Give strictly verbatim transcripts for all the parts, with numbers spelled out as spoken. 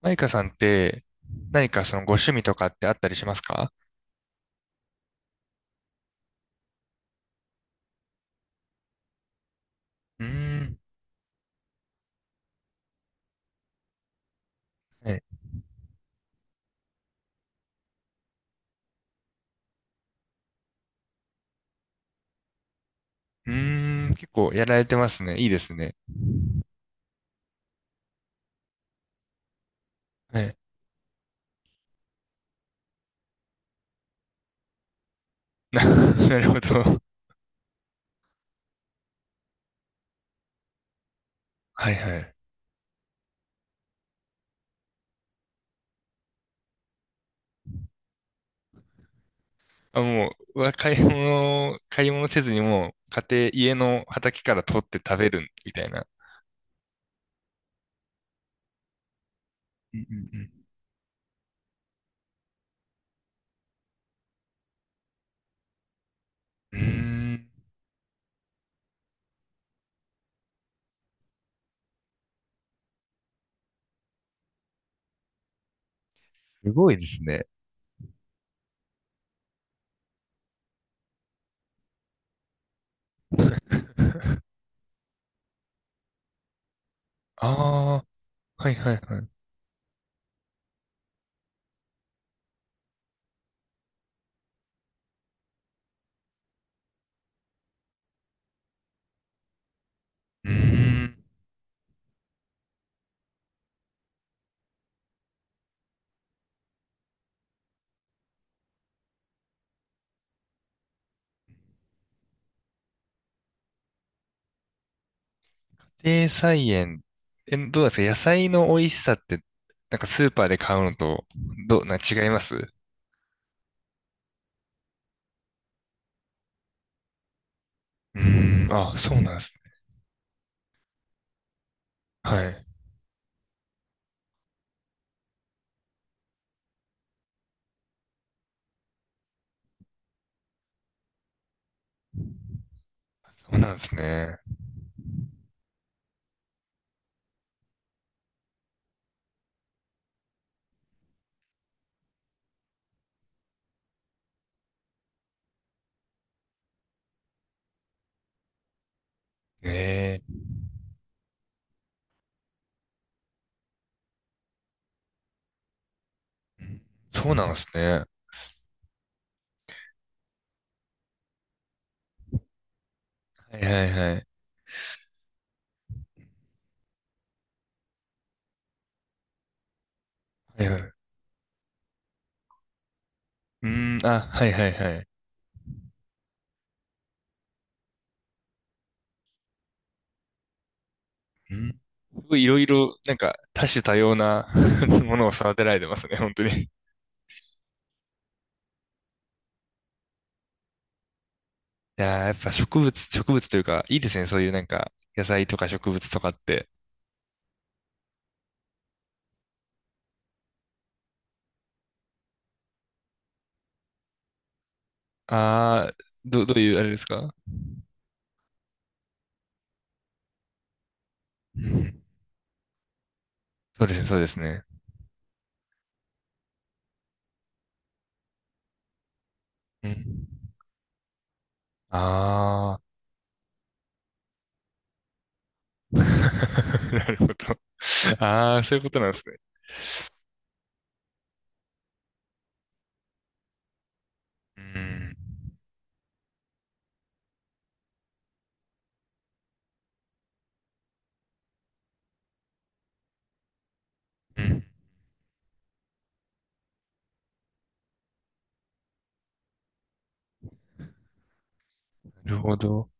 マイカさんって、何かそのご趣味とかってあったりしますか？うーん。はい。うーん。結構やられてますね。いいですね。はい。な、なるほど。はいはい。あ、もう、うわ買い物、買い物せずにもう、家庭、家の畑から取って食べるみたいな。うんうんうん。うーん。すごいですね。ああ、はいはいはい。うーん。家庭菜園、え、どうなんですか？野菜の美味しさって、なんかスーパーで買うのと、どう、な、違います？うーん、あ、そうなんですね。はい。そうなんですね。ええ、そうなんですね。はいはいはい。はいはい。うーん、あ、はいはいはい。うん。すごいいろいろ、なんか、多種多様な ものを育てられてますね、本当に。いやー、やっぱ植物、植物というか、いいですね、そういうなんか、野菜とか植物とかって。あー、ど、どういう、あれですか？うん。そうですね、そうですね。うん。ああ なるほど。ああ、そういうことなんですね。うん。うん。なるほど。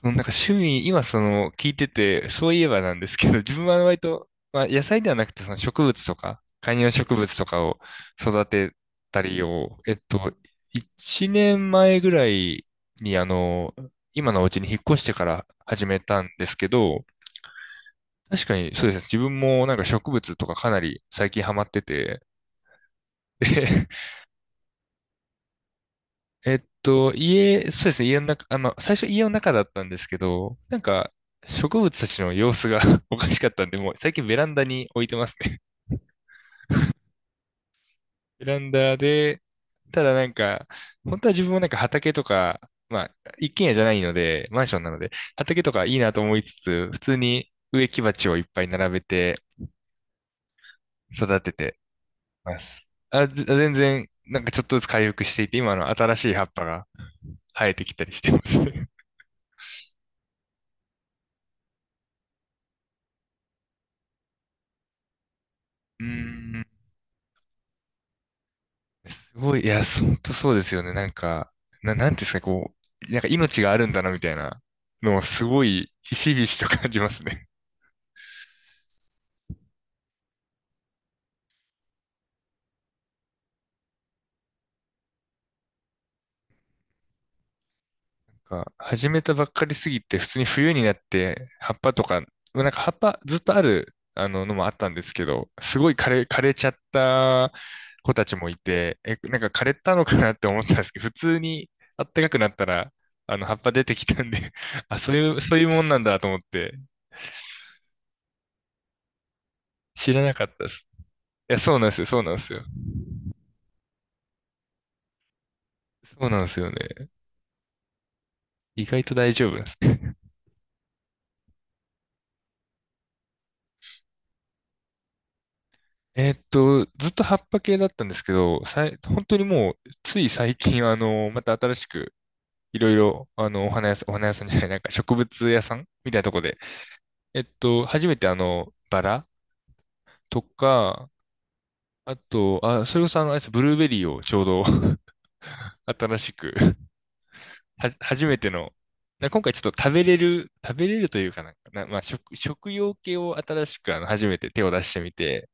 そのなんか趣味、今その聞いてて、そういえばなんですけど、自分は割と、まあ野菜ではなくてその植物とか、観葉植物とかを育てたりを、えっと、いちねんまえぐらいにあの、今のお家に引っ越してから始めたんですけど、確かにそうですね。自分もなんか植物とかかなり最近ハマってて、で、えっと、家、そうですね、家の中、あ、まあ、最初家の中だったんですけど、なんか、植物たちの様子が おかしかったんで、もう最近ベランダに置いてますね。ベランダで、ただなんか、本当は自分もなんか畑とか、まあ、一軒家じゃないので、マンションなので、畑とかいいなと思いつつ、普通に植木鉢をいっぱい並べて育ててます。あ、ぜ全然、なんかちょっとずつ回復していて、今の新しい葉っぱが生えてきたりしてますね。うーんすごい、いや、本当そうですよね。なんか、な、なんていうんですか、こう、なんか命があるんだな、みたいなのはすごい、ひしひしと感じますね。か始めたばっかりすぎて、普通に冬になって、葉っぱとか、なんか葉っぱずっとある、あの、のもあったんですけど、すごい枯れ、枯れちゃった子たちもいて、え、なんか枯れたのかなって思ったんですけど、普通にあったかくなったら、あの、葉っぱ出てきたんで あ、そういう、そういうもんなんだと思って、知らなかったです。いや、そうなんですよ、そうなんですよ。そうなんですよね。意外と大丈夫なんですね。えーっと、ずっと葉っぱ系だったんですけど、さい、本当にもう、つい最近、あの、また新しく、いろいろ、あの、お花屋さん、お花屋さんじゃない、なんか植物屋さんみたいなとこで。えっと、初めてあの、バラとか、あと、あ、それこそあの、あれですブルーベリーをちょうど 新しくは、初めての、な今回ちょっと食べれる、食べれるというかなんか、な、まあ、食、食用系を新しくあの、初めて手を出してみて、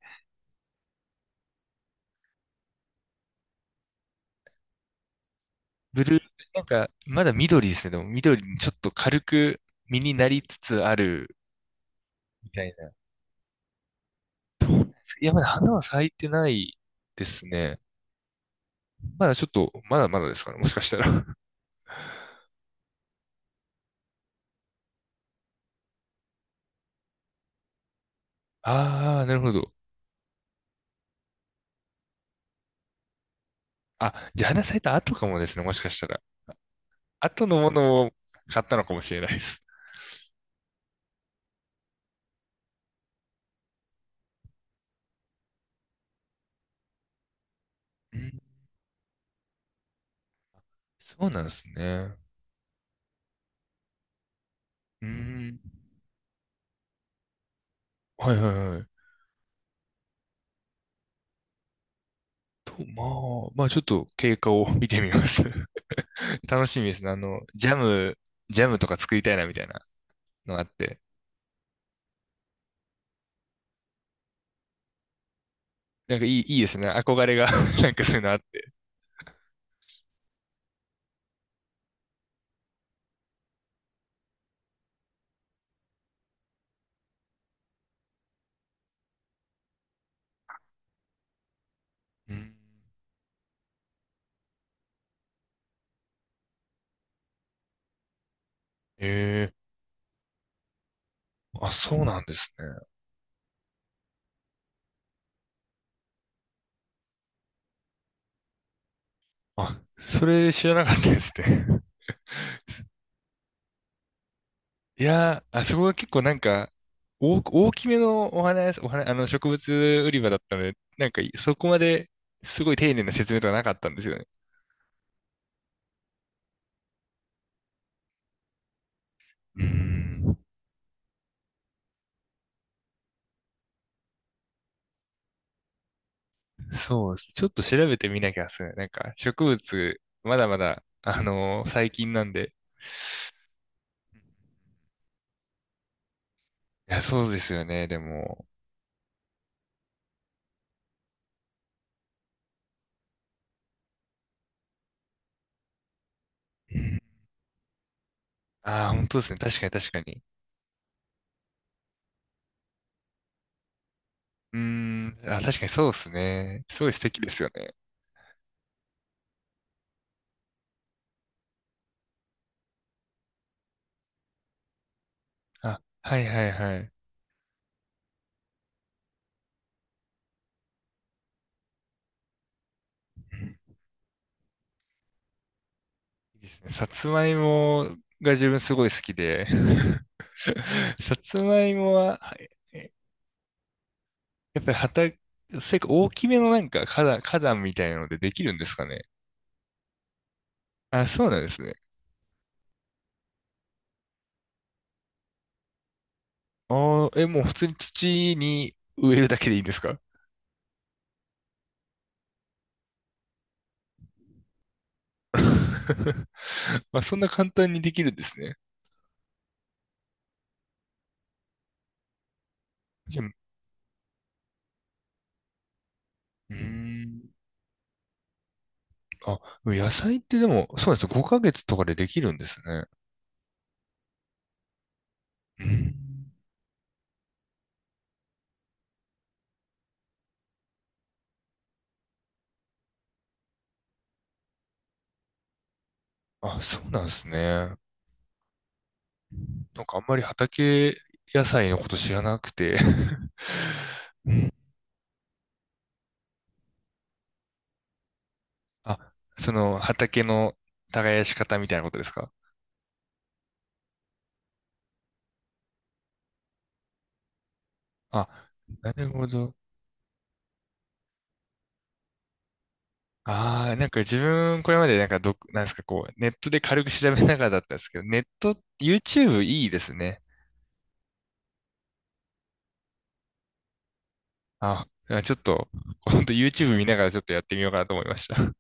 ブルー、なんか、まだ緑ですね。でも緑にちょっと軽く実になりつつあるみたいな。いや、まだ花は咲いてないですね。まだちょっと、まだまだですかね、もしかしたら。ああ、なるほど。あ、じゃあ花咲いた後かもですね、もしかしたら。後のものを買ったのかもしれないです。うん、そうなんですね。うん、はいはいはい。と、まあ、まあちょっと経過を見てみます。楽しみですね。あの、ジャム、ジャムとか作りたいなみたいなのがあって。なんかいい、いいですね。憧れが なんかそういうのあって。うん、ええ、あ、そうなんですね。あ、それ知らなかったですね。いやー、あそこが結構なんか、大、大きめのお花屋さん、お花、あの植物売り場だったので、なんかそこまですごい丁寧な説明とかなかったんですよね。うーん。そうです。ちょっと調べてみなきゃっすね。なんか植物、まだまだ、あのー最近なんで。いや、そうですよね、でも。うん。ああ、本当ですね。確かに確かに。うーん。あ、確かにそうですね。すごい素敵ですよね。あ、はいはいはい。うん。いいですね。さつまいもが自分すごい好きで、さつまいもは、はい。やっぱり畑、せっか大きめのなんか花壇、花壇みたいなのでできるんですかね。あ、そうなんですね。ああ、え、もう普通に土に植えるだけでいいんですか？ まあ、そんな簡単にできるんですね。じゃあ、うーん。あ、野菜ってでも、そうなんです。ごかげつとかでできるんですね。うん。あ、そうなんですね。なんかあんまり畑野菜のこと知らなくて うん。あ、その畑の耕し方みたいなことですか？あ、なるほど。ああ、なんか自分これまでなんかど、なんですか、こう、ネットで軽く調べながらだったんですけど、ネット、YouTube いいですね。あ、ちょっと、ほんと YouTube 見ながらちょっとやってみようかなと思いました。